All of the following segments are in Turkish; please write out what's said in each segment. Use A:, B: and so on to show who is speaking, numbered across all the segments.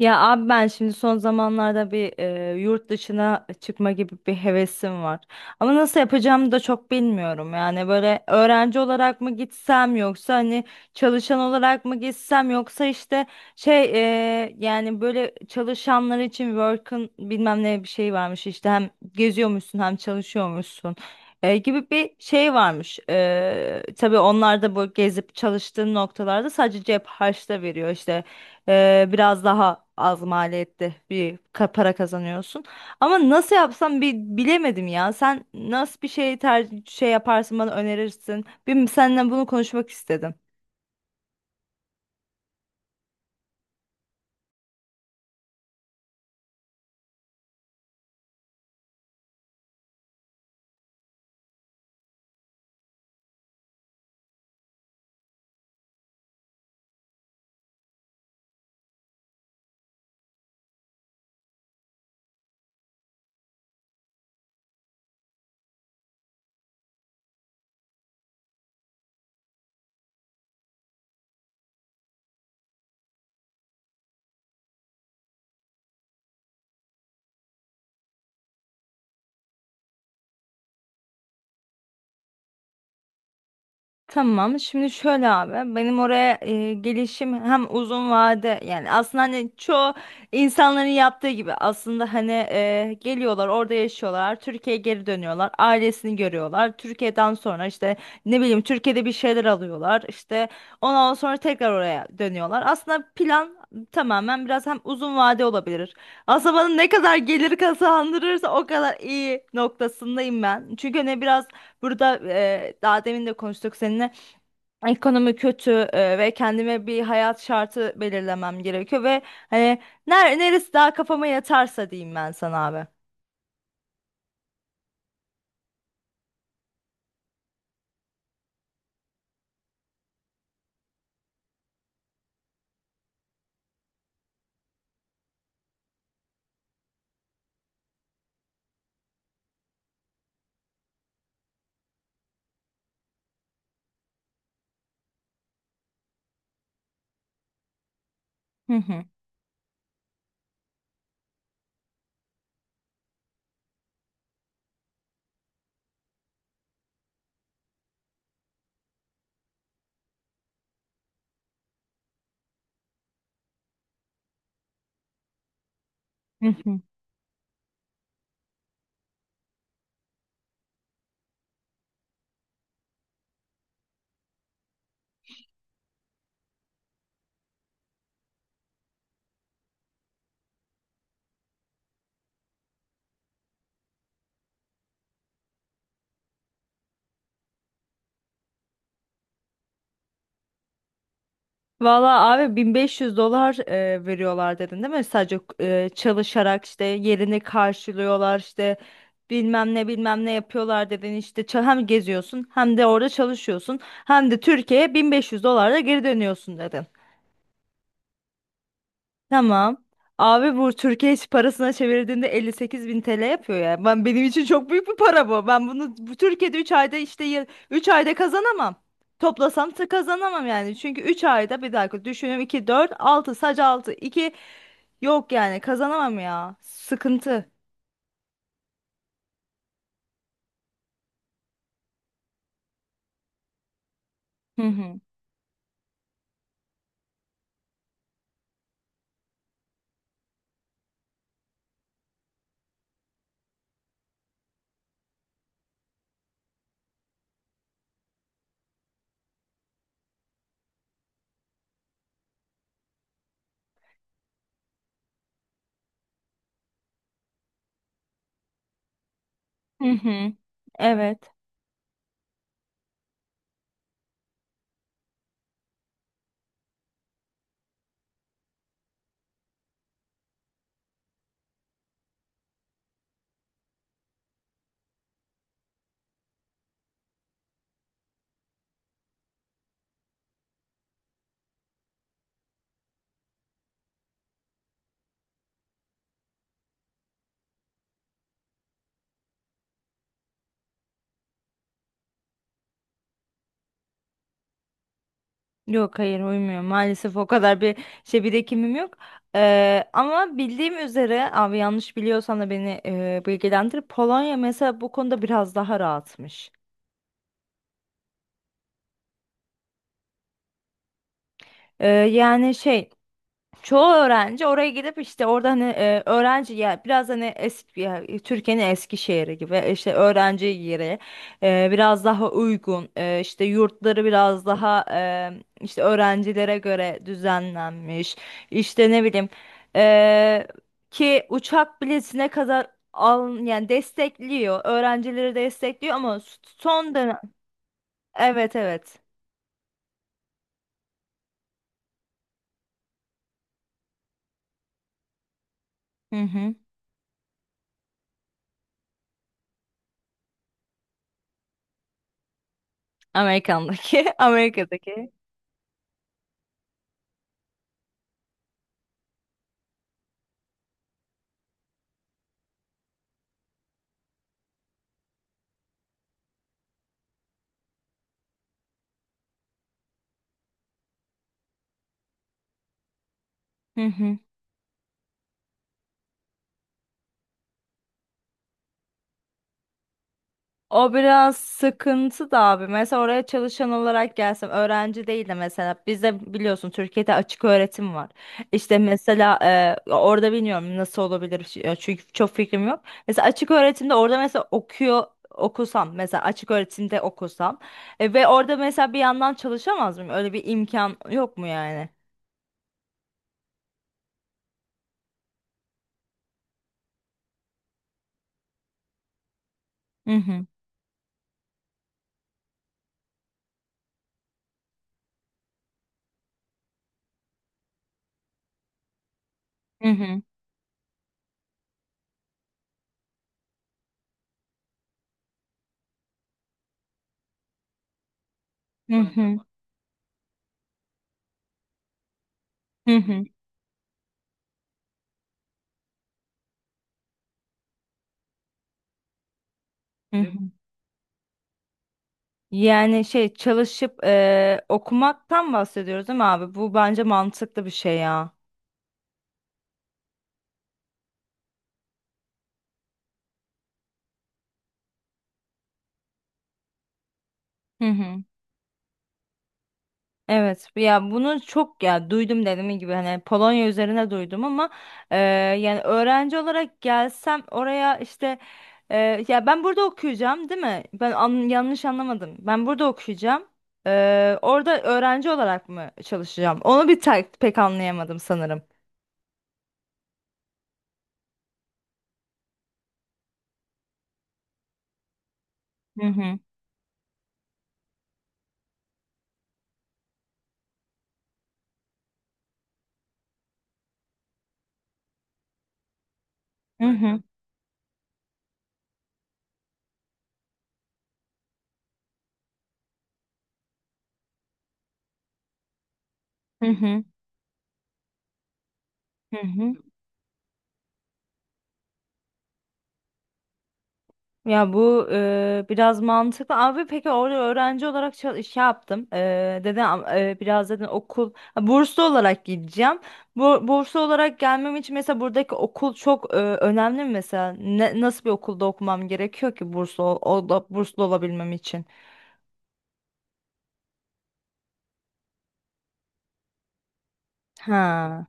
A: Ya abi ben şimdi son zamanlarda bir yurt dışına çıkma gibi bir hevesim var. Ama nasıl yapacağımı da çok bilmiyorum. Yani böyle öğrenci olarak mı gitsem, yoksa hani çalışan olarak mı gitsem, yoksa işte şey yani böyle çalışanlar için work'ın bilmem ne bir şey varmış işte, hem geziyormuşsun hem çalışıyormuşsun. Gibi bir şey varmış. Tabii onlar da bu gezip çalıştığın noktalarda sadece cep harçta veriyor işte. Biraz daha az maliyette bir para kazanıyorsun. Ama nasıl yapsam bir bilemedim ya. Sen nasıl bir şey ter şey yaparsın, bana önerirsin. Bir seninle bunu konuşmak istedim. Tamam. Şimdi şöyle abi, benim oraya gelişim hem uzun vade, yani aslında hani çoğu insanların yaptığı gibi, aslında hani geliyorlar, orada yaşıyorlar, Türkiye'ye geri dönüyorlar, ailesini görüyorlar, Türkiye'den sonra işte ne bileyim Türkiye'de bir şeyler alıyorlar, işte ondan sonra tekrar oraya dönüyorlar. Aslında plan tamamen biraz hem uzun vade olabilir, aslında bana ne kadar gelir kazandırırsa o kadar iyi noktasındayım ben, çünkü hani biraz burada, daha demin de konuştuk seninle. Ekonomi kötü, ve kendime bir hayat şartı belirlemem gerekiyor ve hani neresi daha kafama yatarsa diyeyim ben sana abi. Hı hı. Hı hı. Valla abi, 1500 dolar veriyorlar dedin değil mi? Sadece çalışarak işte yerini karşılıyorlar, işte bilmem ne bilmem ne yapıyorlar dedin, işte hem geziyorsun, hem de orada çalışıyorsun, hem de Türkiye'ye 1500 dolarla geri dönüyorsun dedin. Tamam. Abi, bu Türkiye parasına çevirdiğinde 58 bin TL yapıyor ya. Ben, benim için çok büyük bir para bu. Ben bunu bu Türkiye'de 3 ayda, işte 3 ayda kazanamam. Toplasam da kazanamam yani. Çünkü 3 ayda, bir dakika düşünüyorum, 2 4 altı, sadece 6 iki, yok yani kazanamam ya. Sıkıntı. Hı hı. Hı hı. Evet. Yok, hayır uymuyor. Maalesef o kadar bir birikimim yok. Ama bildiğim üzere abi, yanlış biliyorsam da beni bilgilendir. Polonya mesela bu konuda biraz daha rahatmış. Yani şey çoğu öğrenci oraya gidip işte orada hani öğrenci ya, biraz hani eski ya, Türkiye'nin eski şehri gibi, işte öğrenci yeri biraz daha uygun, işte yurtları biraz daha işte öğrencilere göre düzenlenmiş, işte ne bileyim e, ki uçak biletine kadar al, yani destekliyor, öğrencileri destekliyor ama son dönem. Evet, evet. Hı hı. Amerika'daki. Hı hı. O biraz sıkıntı da abi. Mesela oraya çalışan olarak gelsem, öğrenci değil de, mesela bizde biliyorsun Türkiye'de açık öğretim var. İşte mesela orada bilmiyorum nasıl olabilir, çünkü çok fikrim yok. Mesela açık öğretimde orada mesela okusam, mesela açık öğretimde okusam, ve orada mesela bir yandan çalışamaz mıyım? Öyle bir imkan yok mu yani? Hı hı. Hı hı. Hı hı. Hı hı. Hı hı. Yani şey çalışıp okumaktan bahsediyoruz değil mi abi? Bu bence mantıklı bir şey ya. Hı hı. Evet ya, bunu çok ya duydum, dediğim gibi hani Polonya üzerine duydum ama eee, yani öğrenci olarak gelsem oraya işte, ya ben burada okuyacağım değil mi? Ben yanlış anlamadım. Ben burada okuyacağım. Orada öğrenci olarak mı çalışacağım? Onu bir tek, pek anlayamadım sanırım. Hı hı. Hı hı. Hı hı. Hı hı. Ya bu, biraz mantıklı. Abi peki orada öğrenci olarak şey yaptım. Dedi, biraz dedim okul, ha, burslu olarak gideceğim. Bu burslu olarak gelmem için mesela buradaki okul çok önemli mi mesela? Ne, nasıl bir okulda okumam gerekiyor ki burslu burslu olabilmem için? Ha.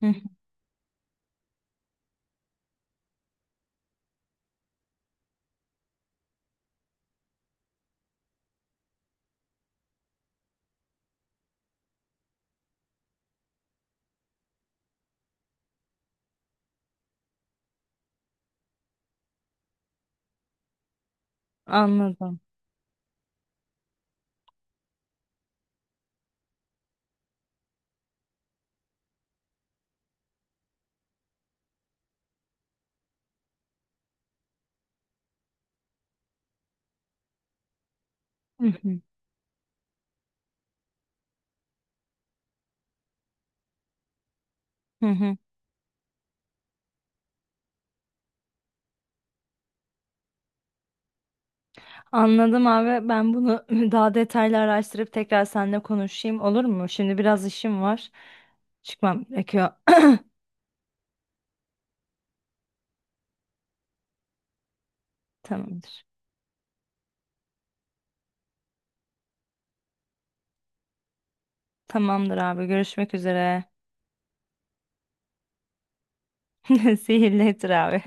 A: Hı hı, anladım. Hı hı, hı hı. Anladım abi. Ben bunu daha detaylı araştırıp tekrar seninle konuşayım, olur mu? Şimdi biraz işim var. Çıkmam gerekiyor. Tamamdır. Tamamdır abi, görüşmek üzere. Sihirli Etir abi.